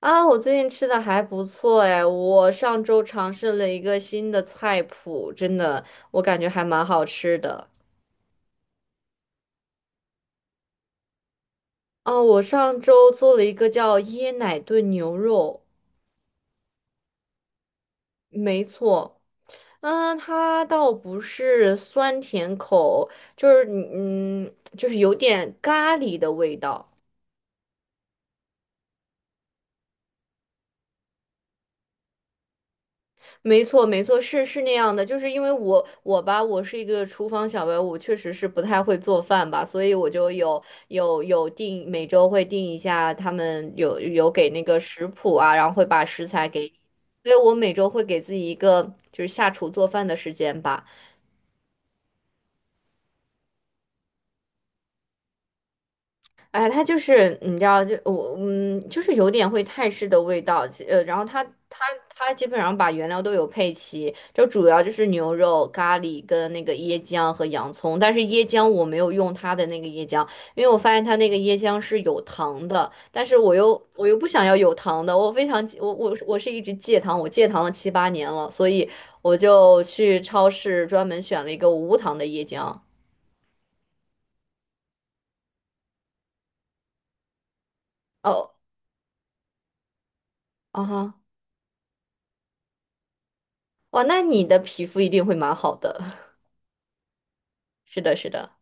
啊，我最近吃的还不错哎，我上周尝试了一个新的菜谱，真的，我感觉还蛮好吃的。啊，我上周做了一个叫椰奶炖牛肉，没错，嗯，它倒不是酸甜口，就是你就是有点咖喱的味道。没错，没错，是那样的，就是因为我吧，我是一个厨房小白，我确实是不太会做饭吧，所以我就有定每周会定一下，他们有给那个食谱啊，然后会把食材给你，所以我每周会给自己一个就是下厨做饭的时间吧。哎，它就是你知道，就我就是有点会泰式的味道，然后它基本上把原料都有配齐，就主要就是牛肉、咖喱跟那个椰浆和洋葱，但是椰浆我没有用它的那个椰浆，因为我发现它那个椰浆是有糖的，但是我又不想要有糖的，我非常我是一直戒糖，我戒糖了7、8年了，所以我就去超市专门选了一个无糖的椰浆。哦，啊哈。哇，那你的皮肤一定会蛮好的。是的，是的。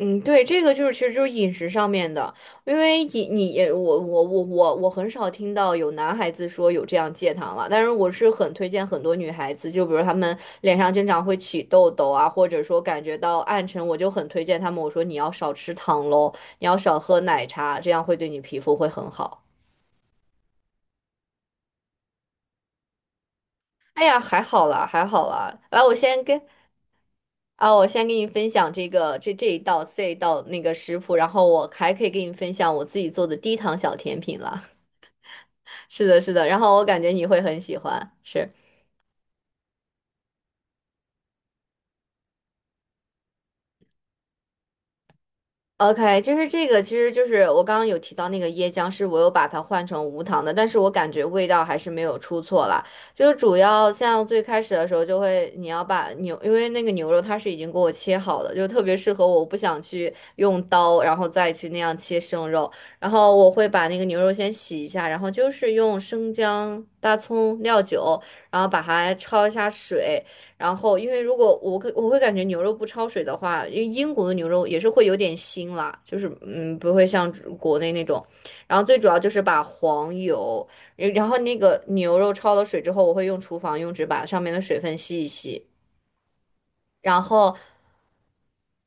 嗯，对，这个就是其实就是饮食上面的，因为饮你也我很少听到有男孩子说有这样戒糖了，但是我是很推荐很多女孩子，就比如她们脸上经常会起痘痘啊，或者说感觉到暗沉，我就很推荐他们，我说你要少吃糖喽，你要少喝奶茶，这样会对你皮肤会很好。哎呀，还好啦，还好啦，来，我先给你分享这个这一道那个食谱，然后我还可以给你分享我自己做的低糖小甜品了。是的，是的，然后我感觉你会很喜欢。是。OK,就是这个，其实就是我刚刚有提到那个椰浆，是我有把它换成无糖的，但是我感觉味道还是没有出错啦。就是主要像最开始的时候，就会你要把牛，因为那个牛肉它是已经给我切好的，就特别适合我，我不想去用刀，然后再去那样切生肉。然后我会把那个牛肉先洗一下，然后就是用生姜、大葱、料酒，然后把它焯一下水，然后，因为如果我会感觉牛肉不焯水的话，因为英国的牛肉也是会有点腥啦，就是不会像国内那种。然后最主要就是把黄油，然后那个牛肉焯了水之后，我会用厨房用纸把上面的水分吸一吸。然后，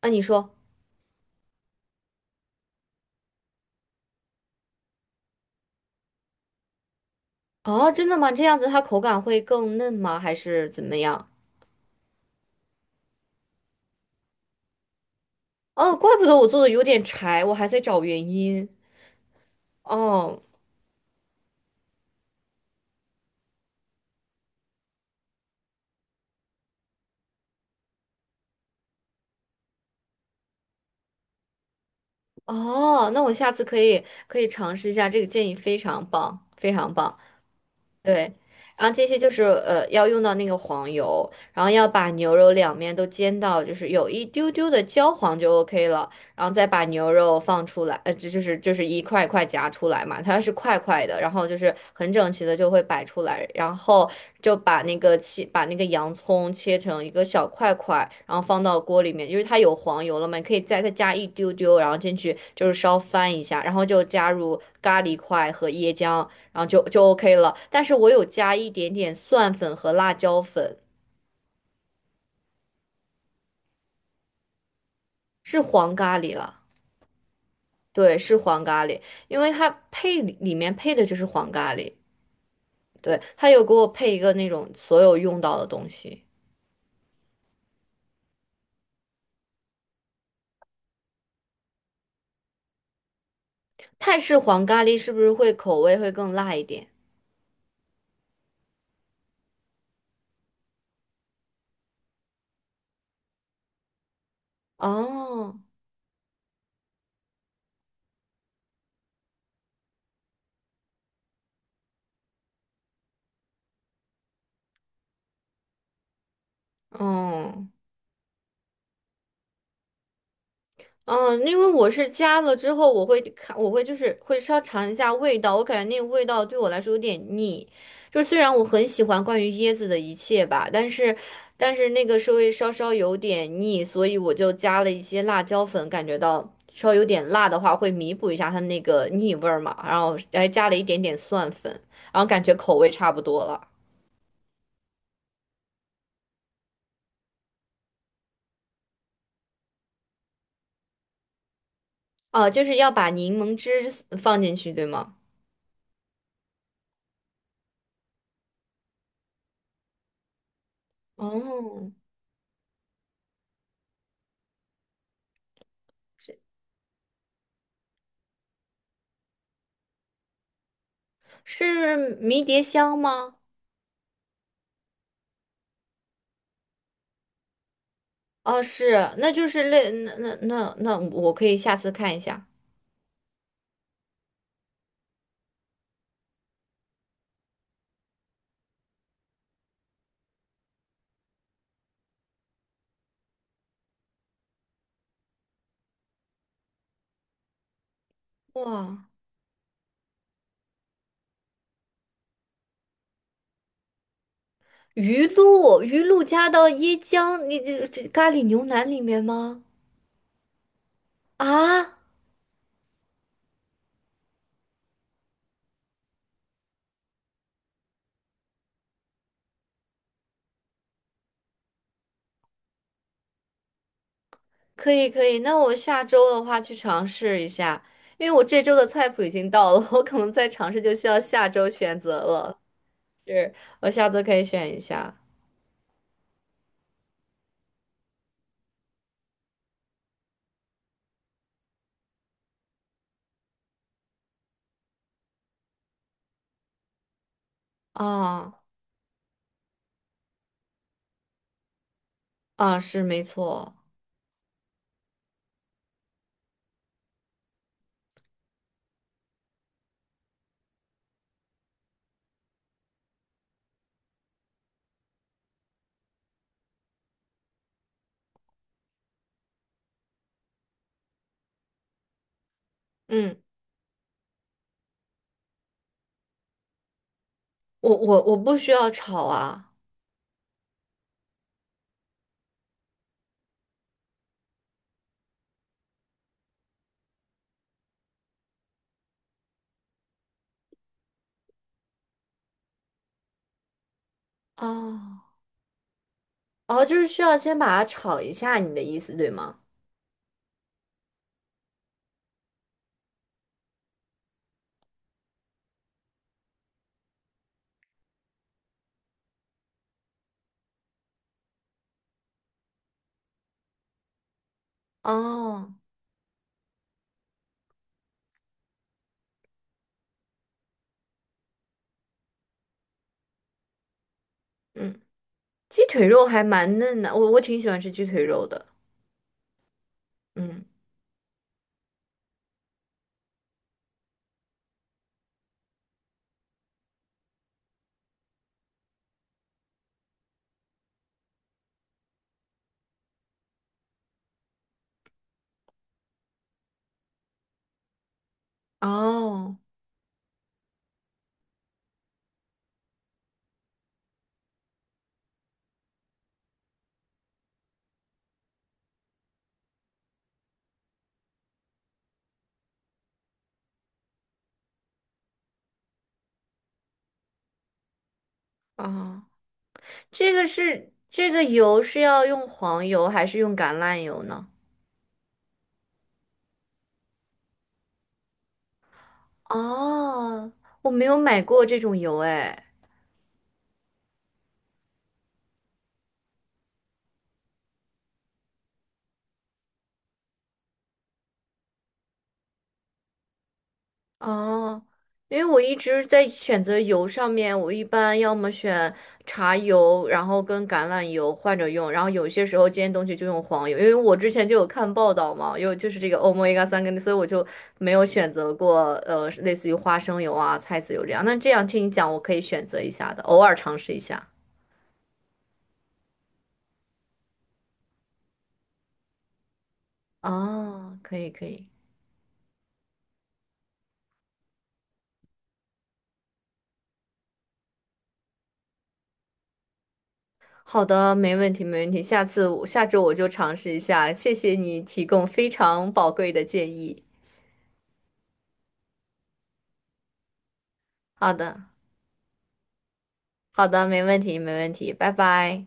啊你说哦真的吗？这样子它口感会更嫩吗？还是怎么样？哦，怪不得我做的有点柴，我还在找原因。哦哦,那我下次可以尝试一下，这个建议非常棒，非常棒。对，然后这些就是要用到那个黄油，然后要把牛肉两面都煎到就是有一丢丢的焦黄就 OK 了，然后再把牛肉放出来，这就是一块一块夹出来嘛，它是块块的，然后就是很整齐的就会摆出来，然后就把那个切把那个洋葱切成一个小块块，然后放到锅里面，因为它有黄油了嘛，你可以再加一丢丢，然后进去就是稍翻一下，然后就加入咖喱块和椰浆。然后就 OK 了。但是我有加一点点蒜粉和辣椒粉，是黄咖喱了，对，是黄咖喱，因为它配里面配的就是黄咖喱，对，它有给我配一个那种所有用到的东西。泰式黄咖喱是不是会口味会更辣一点？哦，哦。嗯，因为我是加了之后，我会就是会稍尝一下味道，我感觉那个味道对我来说有点腻。就虽然我很喜欢关于椰子的一切吧，但是但是那个是会稍稍有点腻，所以我就加了一些辣椒粉，感觉到稍微有点辣的话会弥补一下它那个腻味儿嘛，然后还加了一点点蒜粉，然后感觉口味差不多了。哦，就是要把柠檬汁放进去，对吗？哦，是迷迭香吗？哦，是，那就是类那我可以下次看一下。哇，鱼露加到椰浆，你这咖喱牛腩里面吗？啊，可以可以，那我下周的话去尝试一下，因为我这周的菜谱已经到了，我可能再尝试就需要下周选择了。是，我下次可以选一下。啊啊，是没错。嗯，我不需要炒啊。哦哦,就是需要先把它炒一下，你的意思对吗？哦，嗯，鸡腿肉还蛮嫩的，我挺喜欢吃鸡腿肉的。嗯，哦哦,这个是这个油是要用黄油还是用橄榄油呢？哦，我没有买过这种油哎。哦，因为我一直在选择油上面，我一般要么选茶油，然后跟橄榄油换着用，然后有些时候煎东西就用黄油，因为我之前就有看报道嘛，有就是这个Omega 3跟，所以我就没有选择过类似于花生油啊、菜籽油这样。那这样听你讲，我可以选择一下的，偶尔尝试一下。哦，可以可以，好的，没问题没问题，下次我下周我就尝试一下，谢谢你提供非常宝贵的建议。好的。好的，没问题，没问题，拜拜。